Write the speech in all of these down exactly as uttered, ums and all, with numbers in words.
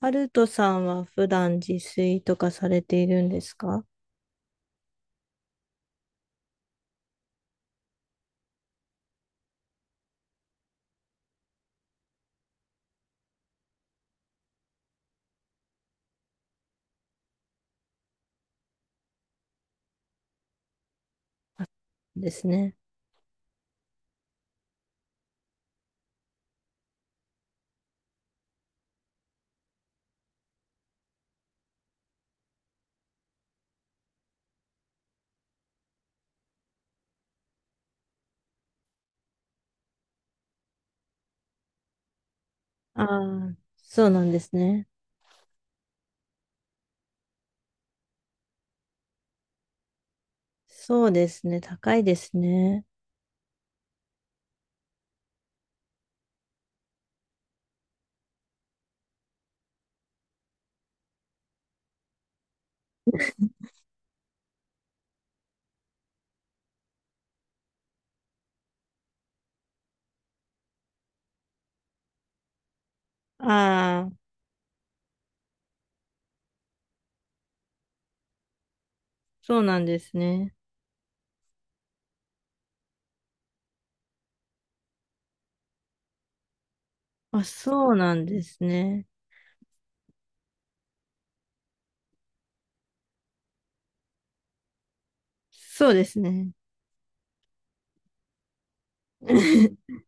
ハルトさんは普段自炊とかされているんですか？あですね。ああ、そうなんですね。そうですね。高いですね。ああ、そうなんですね。あ、そうなんですね。そうですね。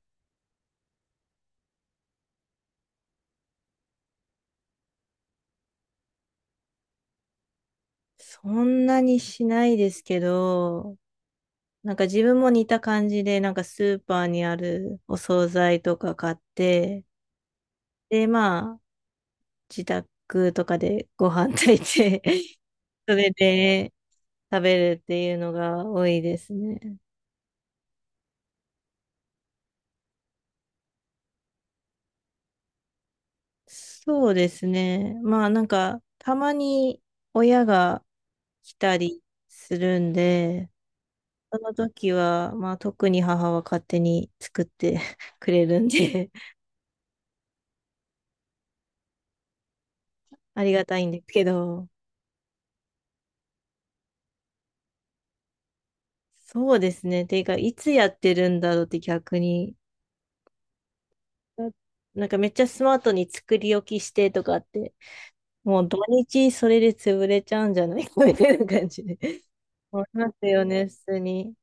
そんなにしないですけど、なんか自分も似た感じで、なんかスーパーにあるお惣菜とか買って、で、まあ、自宅とかでご飯炊いて、それで食べるっていうのが多いですね。そうですね。まあなんか、たまに親が来たりするんで、その時は、まあ特に母は勝手に作って くれるんで、 ありがたいんですけど、そうですね。ていうか、いつやってるんだろうって逆に、ななんかめっちゃスマートに作り置きしてとかって、もう土日それで潰れちゃうんじゃないかみたいな感じで。思いますよね、普通に。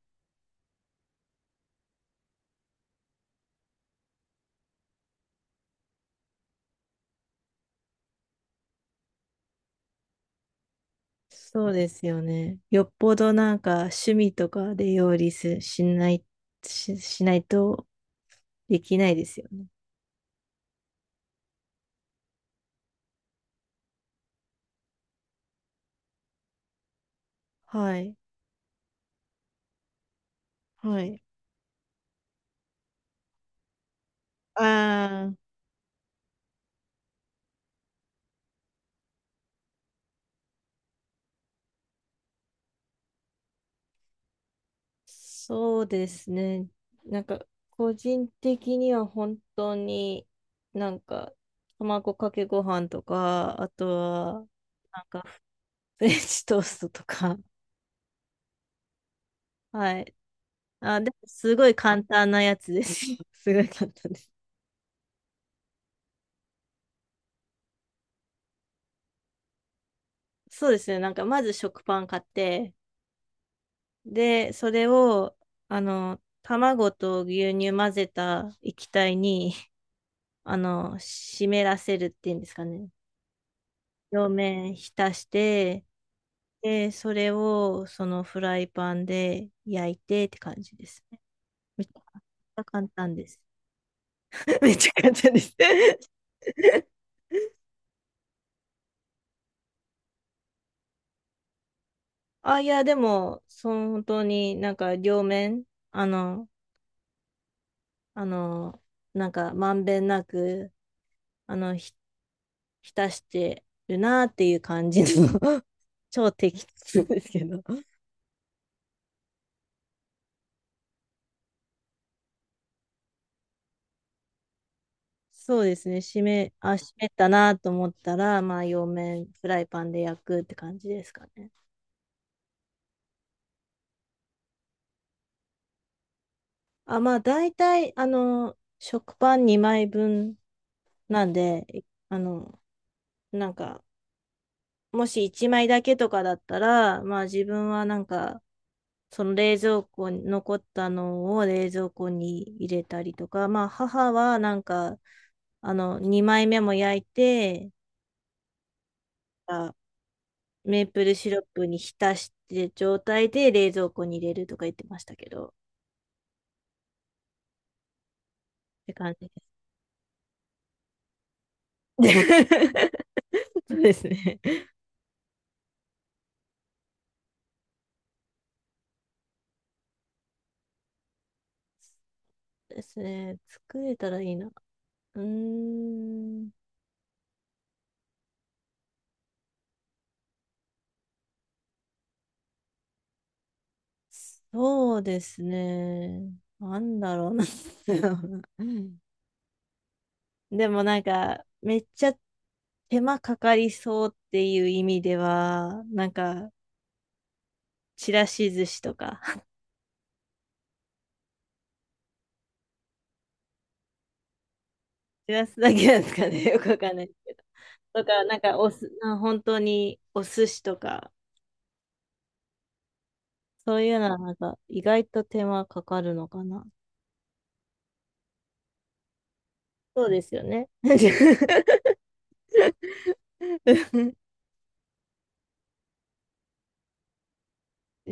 そうですよね。よっぽどなんか趣味とかで料理すしない、し、しないとできないですよね。はい。はい。ああ、そうですね。なんか個人的には本当になんか卵かけご飯とか、あとはなんかフレンチトーストとか。はい。あ、でもすごい簡単なやつです。すごい簡単です。そうですね。なんかまず食パン買って、で、それを、あの、卵と牛乳混ぜた液体に、あの、湿らせるっていうんですかね。両面浸して、で、それを、そのフライパンで焼いてって感じですね。めっちゃ簡単です。めっちゃ簡単です。あ、いや、でも、その本当になんか両面、あの、あの、なんかまんべんなくあの、ひ、浸してるなっていう感じの 超適当ですけど。そうですね。締め、あ、締めたなと思ったら、まあ、両面フライパンで焼くって感じですかね。あ、まあ、大体、あの、食パンにまいぶんなんで、あの、なんか、もしいちまいだけとかだったら、まあ自分はなんか、その冷蔵庫に残ったのを冷蔵庫に入れたりとか、まあ母はなんか、あの、にまいめも焼いて、あメープルシロップに浸して状態で冷蔵庫に入れるとか言ってましたけど、って感じです。そうですね。ですね。作れたらいいな。うーん、そうですね。なんだろうな。でもなんか、めっちゃ手間かかりそうっていう意味では、なんか、ちらし寿司とか、ちらすだけなんですかね、よくわかんないですけど。とか、なんかおす、な本当にお寿司とか、そういうのはなんか、意外と手間かかるのかな。そうですよね。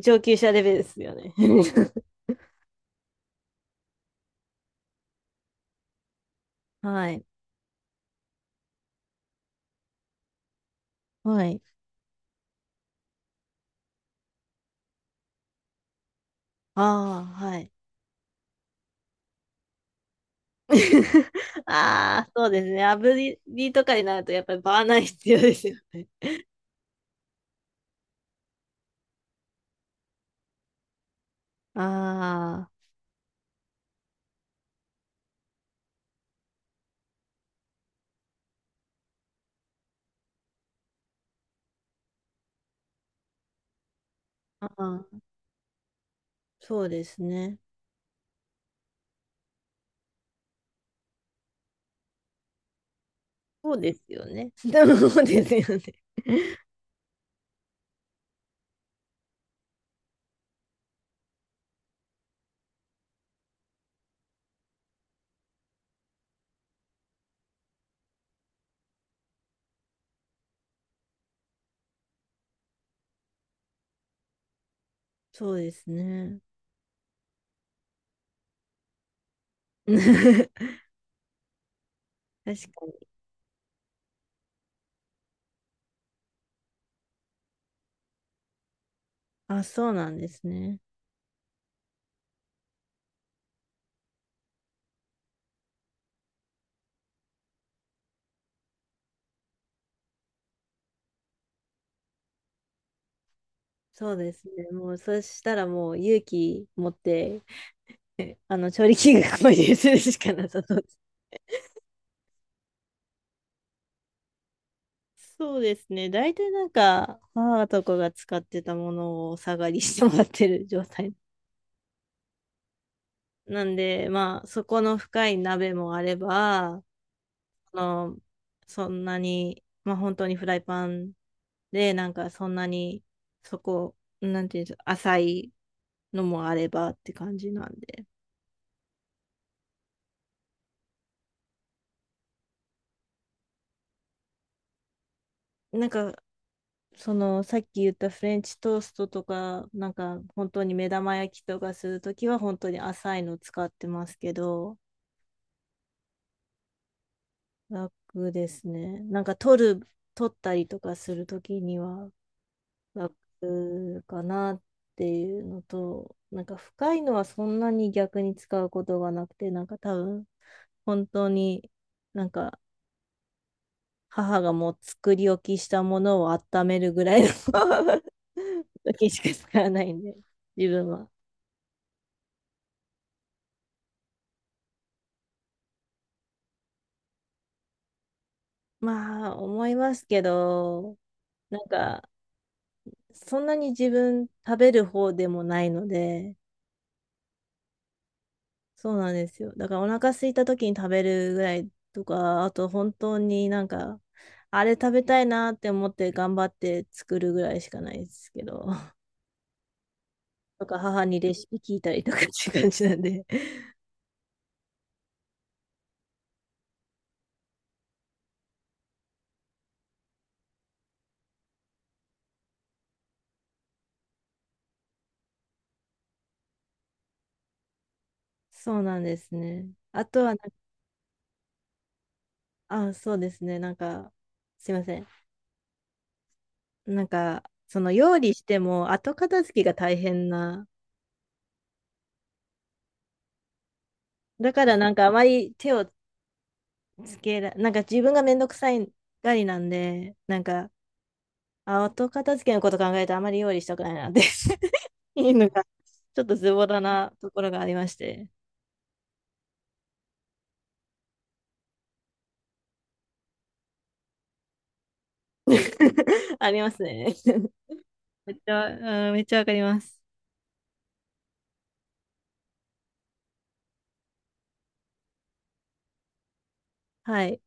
上級者レベルですよね。はい。はい。ああ、はい。ああ、そうですね。炙りとかになると、やっぱりバーナー必要ですよね。あーあー、そうですね。そうですよね。そうですよね。そうですね。確かに。あ、そうなんですね。そうですね。もう、そしたらもう勇気持って、あの、調理器具購入するしかなさそうです。そうですね。大体なんか、母とかが使ってたものをお下がりしてもらってる状態。なんで、まあ、そこの深い鍋もあれば、あの、そんなに、まあ、本当にフライパンで、なんかそんなに、そこ、なんていうんですか、浅いのもあればって感じなんで。なんか、その、さっき言ったフレンチトーストとか、なんか、本当に目玉焼きとかするときは、本当に浅いの使ってますけど、楽ですね。なんか、取る、取ったりとかするときには、楽かなっていうのと、なんか深いのはそんなに逆に使うことがなくて、なんか多分本当になんか母がもう作り置きしたものを温めるぐらいの 時しか使わないんで、自分は。まあ思いますけど、なんかそんなに自分食べる方でもないので、そうなんですよ。だからお腹空いた時に食べるぐらいとか、あと本当になんか、あれ食べたいなって思って頑張って作るぐらいしかないですけど、とか母にレシピ聞いたりとかっていう感じなんで。そうなんですね。あとはなあ、そうですね。なんか、すいません。なんか、その料理しても後片付けが大変な。だからなんかあまり手をつけら、なんか自分がめんどくさいがりなんで、なんか、あ、後片付けのこと考えてあまり料理したくないなって いうのが、ちょっとズボラなところがありまして。ありますね。めっちゃ、うん、めっちゃわかります。はい。